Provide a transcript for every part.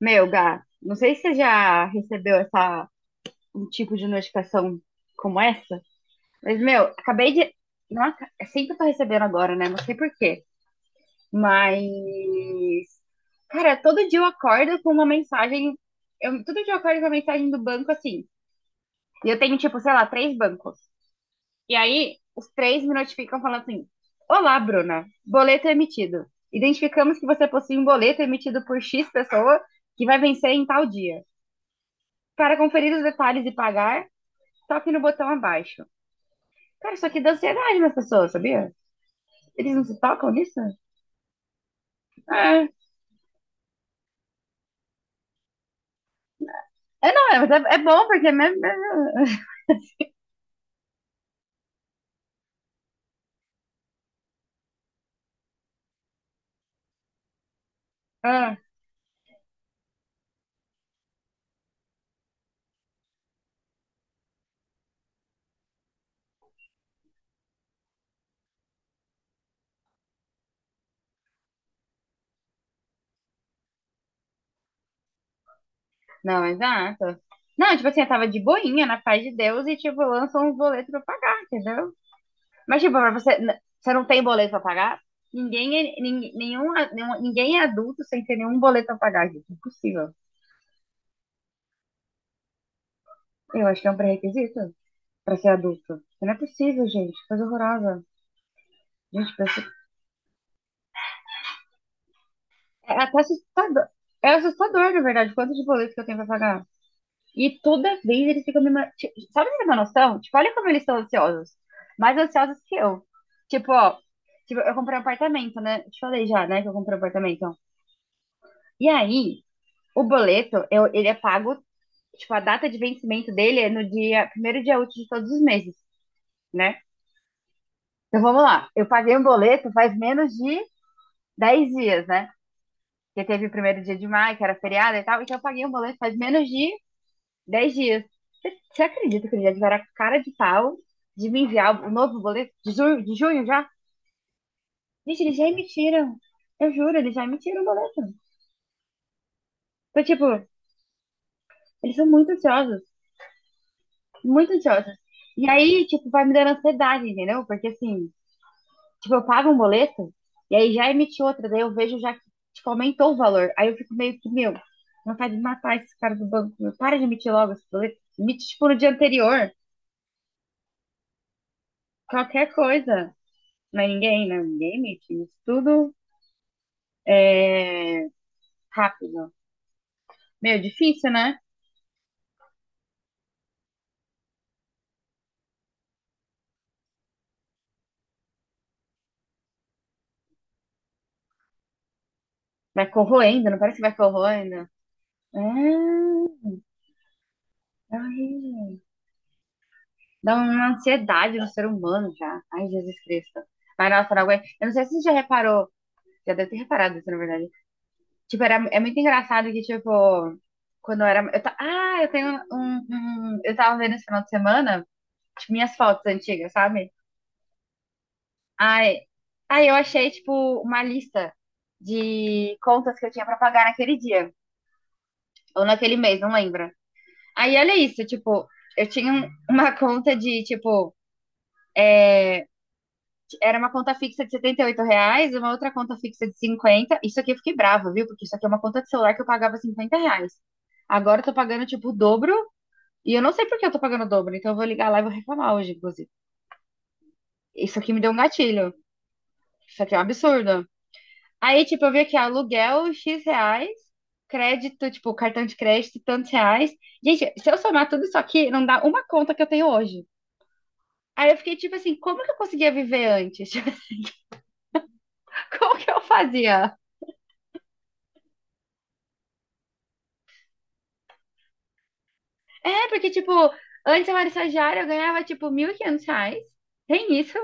Meu, Gá, não sei se você já recebeu um tipo de notificação como essa, mas, meu, acabei de. Nossa, é sempre que eu tô recebendo agora, né? Não sei por quê. Mas. Cara, todo dia eu acordo com uma mensagem. Eu, todo dia eu acordo com uma mensagem do banco assim. E eu tenho, tipo, sei lá, três bancos. E aí, os três me notificam falando assim: olá, Bruna, boleto é emitido. Identificamos que você possui um boleto emitido por X pessoa que vai vencer em tal dia. Para conferir os detalhes e pagar, toque no botão abaixo. Cara, isso aqui dá ansiedade nas pessoas, sabia? Eles não se tocam nisso? É, é não, é, mas é, é bom porque é mesmo. É- Ah, não, exato. Não, tipo assim, eu tava de boinha, na paz de Deus, e tipo, lançam um boleto pra pagar, entendeu? Mas, tipo, pra você, n- você não tem boleto pra pagar? Ninguém é, nin- nenhum, a- nenhum- ninguém é adulto sem ter nenhum boleto pra pagar, gente. Impossível. Eu acho que é um pré-requisito pra ser adulto. Não é possível, gente. Coisa horrorosa. Gente, é até assustador. É assustador, na verdade, quanto de boleto que eu tenho pra pagar. E toda vez eles ficam me. Ma- ti- Sabe ter uma noção? Tipo, olha como eles são ansiosos. Mais ansiosos que eu. Tipo, ó. Tipo, eu comprei um apartamento, né? Te falei já, né? Que eu comprei um apartamento. E aí, o boleto, eu, ele é pago. Tipo, a data de vencimento dele é no dia, primeiro dia útil de todos os meses, né? Então vamos lá. Eu paguei um boleto faz menos de 10 dias, né? Porque teve o primeiro dia de maio, que era feriado e tal. Então eu paguei um boleto faz menos de dez dias. Você, você acredita que ele já tiveram a cara de pau de me enviar o novo boleto de junho já? Gente, eles já emitiram. Eu juro, eles já emitiram o boleto. Então, tipo, eles são muito ansiosos. Muito ansiosos. E aí, tipo, vai me dando ansiedade, entendeu? Porque, assim, tipo, eu pago um boleto e aí já emiti outra. Daí eu vejo já que, tipo, aumentou o valor. Aí eu fico meio que, meu, vontade de matar esses caras do banco. Meu, para de emitir logo esse boleto. Emite, tipo, no dia anterior. Qualquer coisa. Não é ninguém, né? Ninguém emite isso tudo é, rápido. Meio difícil, né? Vai corroendo, não parece que vai corroendo. É, ai, dá uma ansiedade no ser humano já. Ai, Jesus Cristo. Mas nossa, não aguento. Eu não sei se você já reparou, já deve ter reparado isso, na verdade. Tipo, era, é muito engraçado que, tipo, quando eu era. Eu ta... Ah, eu tenho um, um- um, eu tava vendo esse final de semana, tipo, minhas fotos antigas, sabe? Ai, ai, eu achei, tipo, uma lista de contas que eu tinha pra pagar naquele dia, ou naquele mês, não lembro. Aí, olha isso, tipo, eu tinha um- uma conta de, tipo, era uma conta fixa de R$ 78, uma outra conta fixa de 50. Isso aqui eu fiquei brava, viu? Porque isso aqui é uma conta de celular que eu pagava R$ 50. Agora eu tô pagando, tipo, o dobro, e eu não sei por que eu tô pagando o dobro, então eu vou ligar lá e vou reclamar hoje, inclusive. Isso aqui me deu um gatilho. Isso aqui é um absurdo. Aí, tipo, eu vi aqui, ó, aluguel X reais, crédito, tipo, cartão de crédito, tantos reais. Gente, se eu somar tudo isso aqui, não dá uma conta que eu tenho hoje. Aí eu fiquei tipo assim, como que eu conseguia viver antes? Como que eu fazia? É, porque, tipo, antes eu era estagiária, eu ganhava, tipo, R$ 1.500. Tem isso.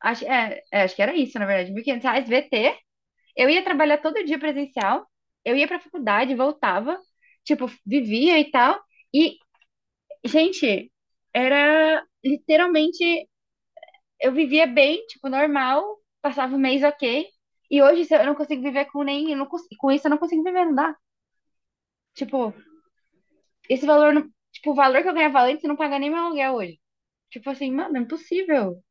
Acho, é, é, acho que era isso, na verdade. R$ 1.500, VT. Eu ia trabalhar todo dia presencial. Eu ia pra faculdade, voltava. Tipo, vivia e tal. E gente, era literalmente. Eu vivia bem, tipo, normal, passava o mês ok. E hoje se eu não consigo viver com nem. Eu não consigo- com isso eu não consigo viver, não dá. Tipo, esse valor. Não- Tipo, o valor que eu ganhava antes não paga nem meu aluguel hoje. Tipo assim, mano, é impossível.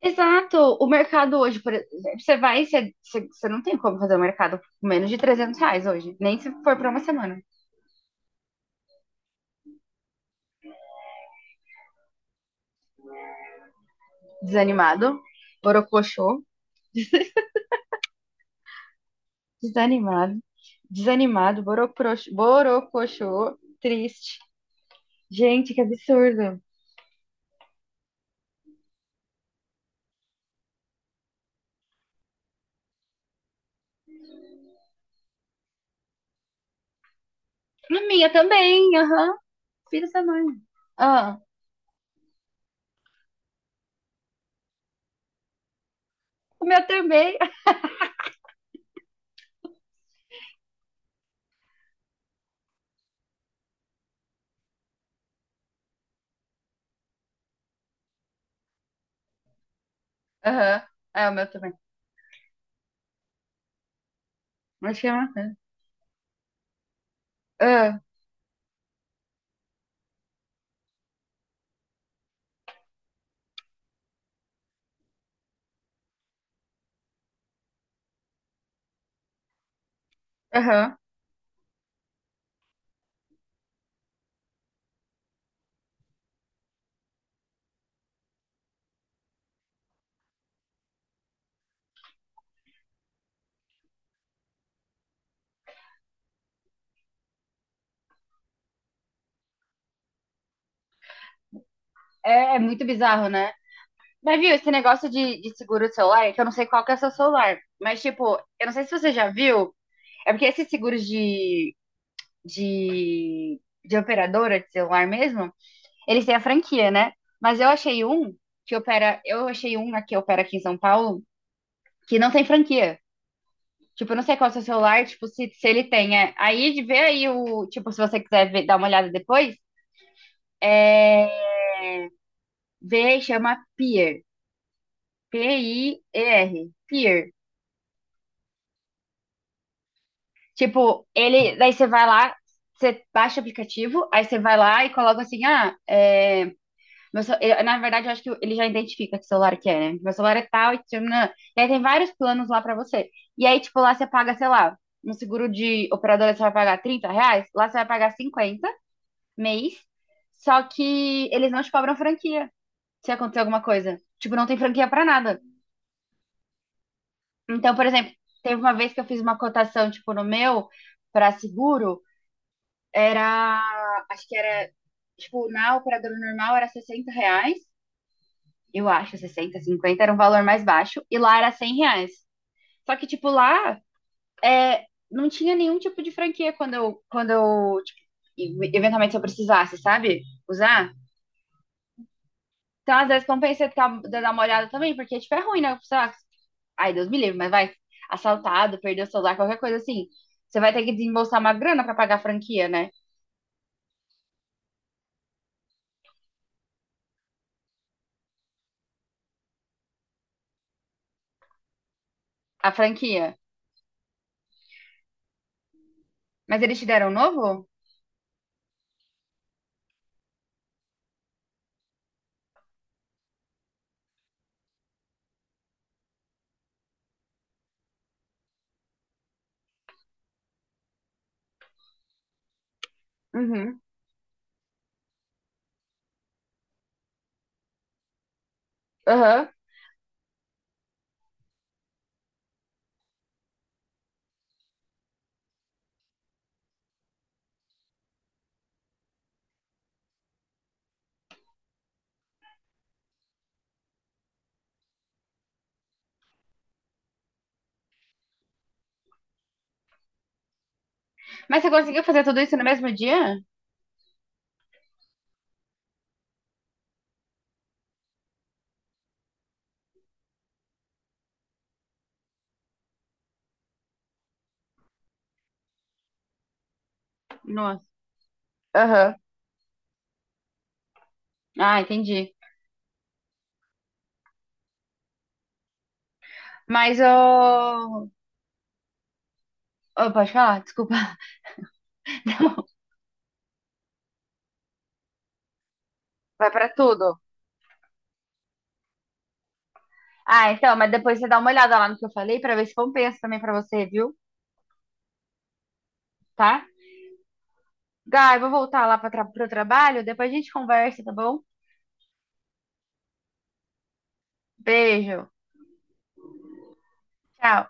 Exato. O mercado hoje, por exemplo, você vai, você não tem como fazer o mercado por menos de R$ 300 hoje. Nem se for pra uma semana. Desanimado, borocochô. Desanimado, desanimado, boroprox- borocochô, triste. Gente, que absurdo. A minha também, aham. Filho da mãe. Ah, o meu também. Aham. É, o meu também. Acho que é uma coisa. Ah, aham. É, é muito bizarro, né? Mas viu, esse negócio de seguro de celular, é que eu não sei qual que é o seu celular. Mas, tipo, eu não sei se você já viu. É porque esses seguros de, de, de operadora de celular mesmo, eles têm a franquia, né? Mas eu achei um que opera. Eu achei um que opera aqui em São Paulo que não tem franquia. Tipo, eu não sei qual é o seu celular, tipo, se ele tem. É. Aí, de- ver aí o. Tipo, se você quiser ver- dar uma olhada depois, é. Vê e chama Pier. P-I-E-R. Pier. Tipo, ele. Daí você vai lá, você baixa o aplicativo, aí você vai lá e coloca assim, ah, é. Meu ce- eu- na verdade, eu acho que ele já identifica que celular que é, né? Meu celular é tal e tchananã. E aí tem vários planos lá pra você. E aí, tipo, lá você paga, sei lá, no seguro de operadora você vai pagar R$ 30, lá você vai pagar 50 mês, só que eles não te cobram franquia se acontecer alguma coisa. Tipo, não tem franquia pra nada. Então, por exemplo, teve uma vez que eu fiz uma cotação, tipo, no meu, pra seguro, era, acho que era, tipo, na operadora normal era R$ 60. Eu acho, 60, cinquenta era um valor mais baixo, e lá era R$ 100. Só que, tipo, lá é, não tinha nenhum tipo de franquia quando eu, tipo, eventualmente se eu precisasse, sabe? Usar. Então, às vezes, compensa ficar, dar uma olhada também, porque, tipo, é ruim, né? Sei lá, ai, Deus me livre, mas vai assaltado, perdeu o celular, qualquer coisa assim. Você vai ter que desembolsar uma grana pra pagar a franquia, né? A franquia. Mas eles te deram um novo? Uhum. Aham. Mas você conseguiu fazer tudo isso no mesmo dia? Nossa. Aham. Ah, entendi. Mas eu. Pode falar? Desculpa. Não, vai pra tudo. Ah, então, mas depois você dá uma olhada lá no que eu falei pra ver se compensa também pra você, viu? Tá? Gai, eu vou voltar lá pra tra pro trabalho, depois a gente conversa, tá bom? Beijo. Tchau.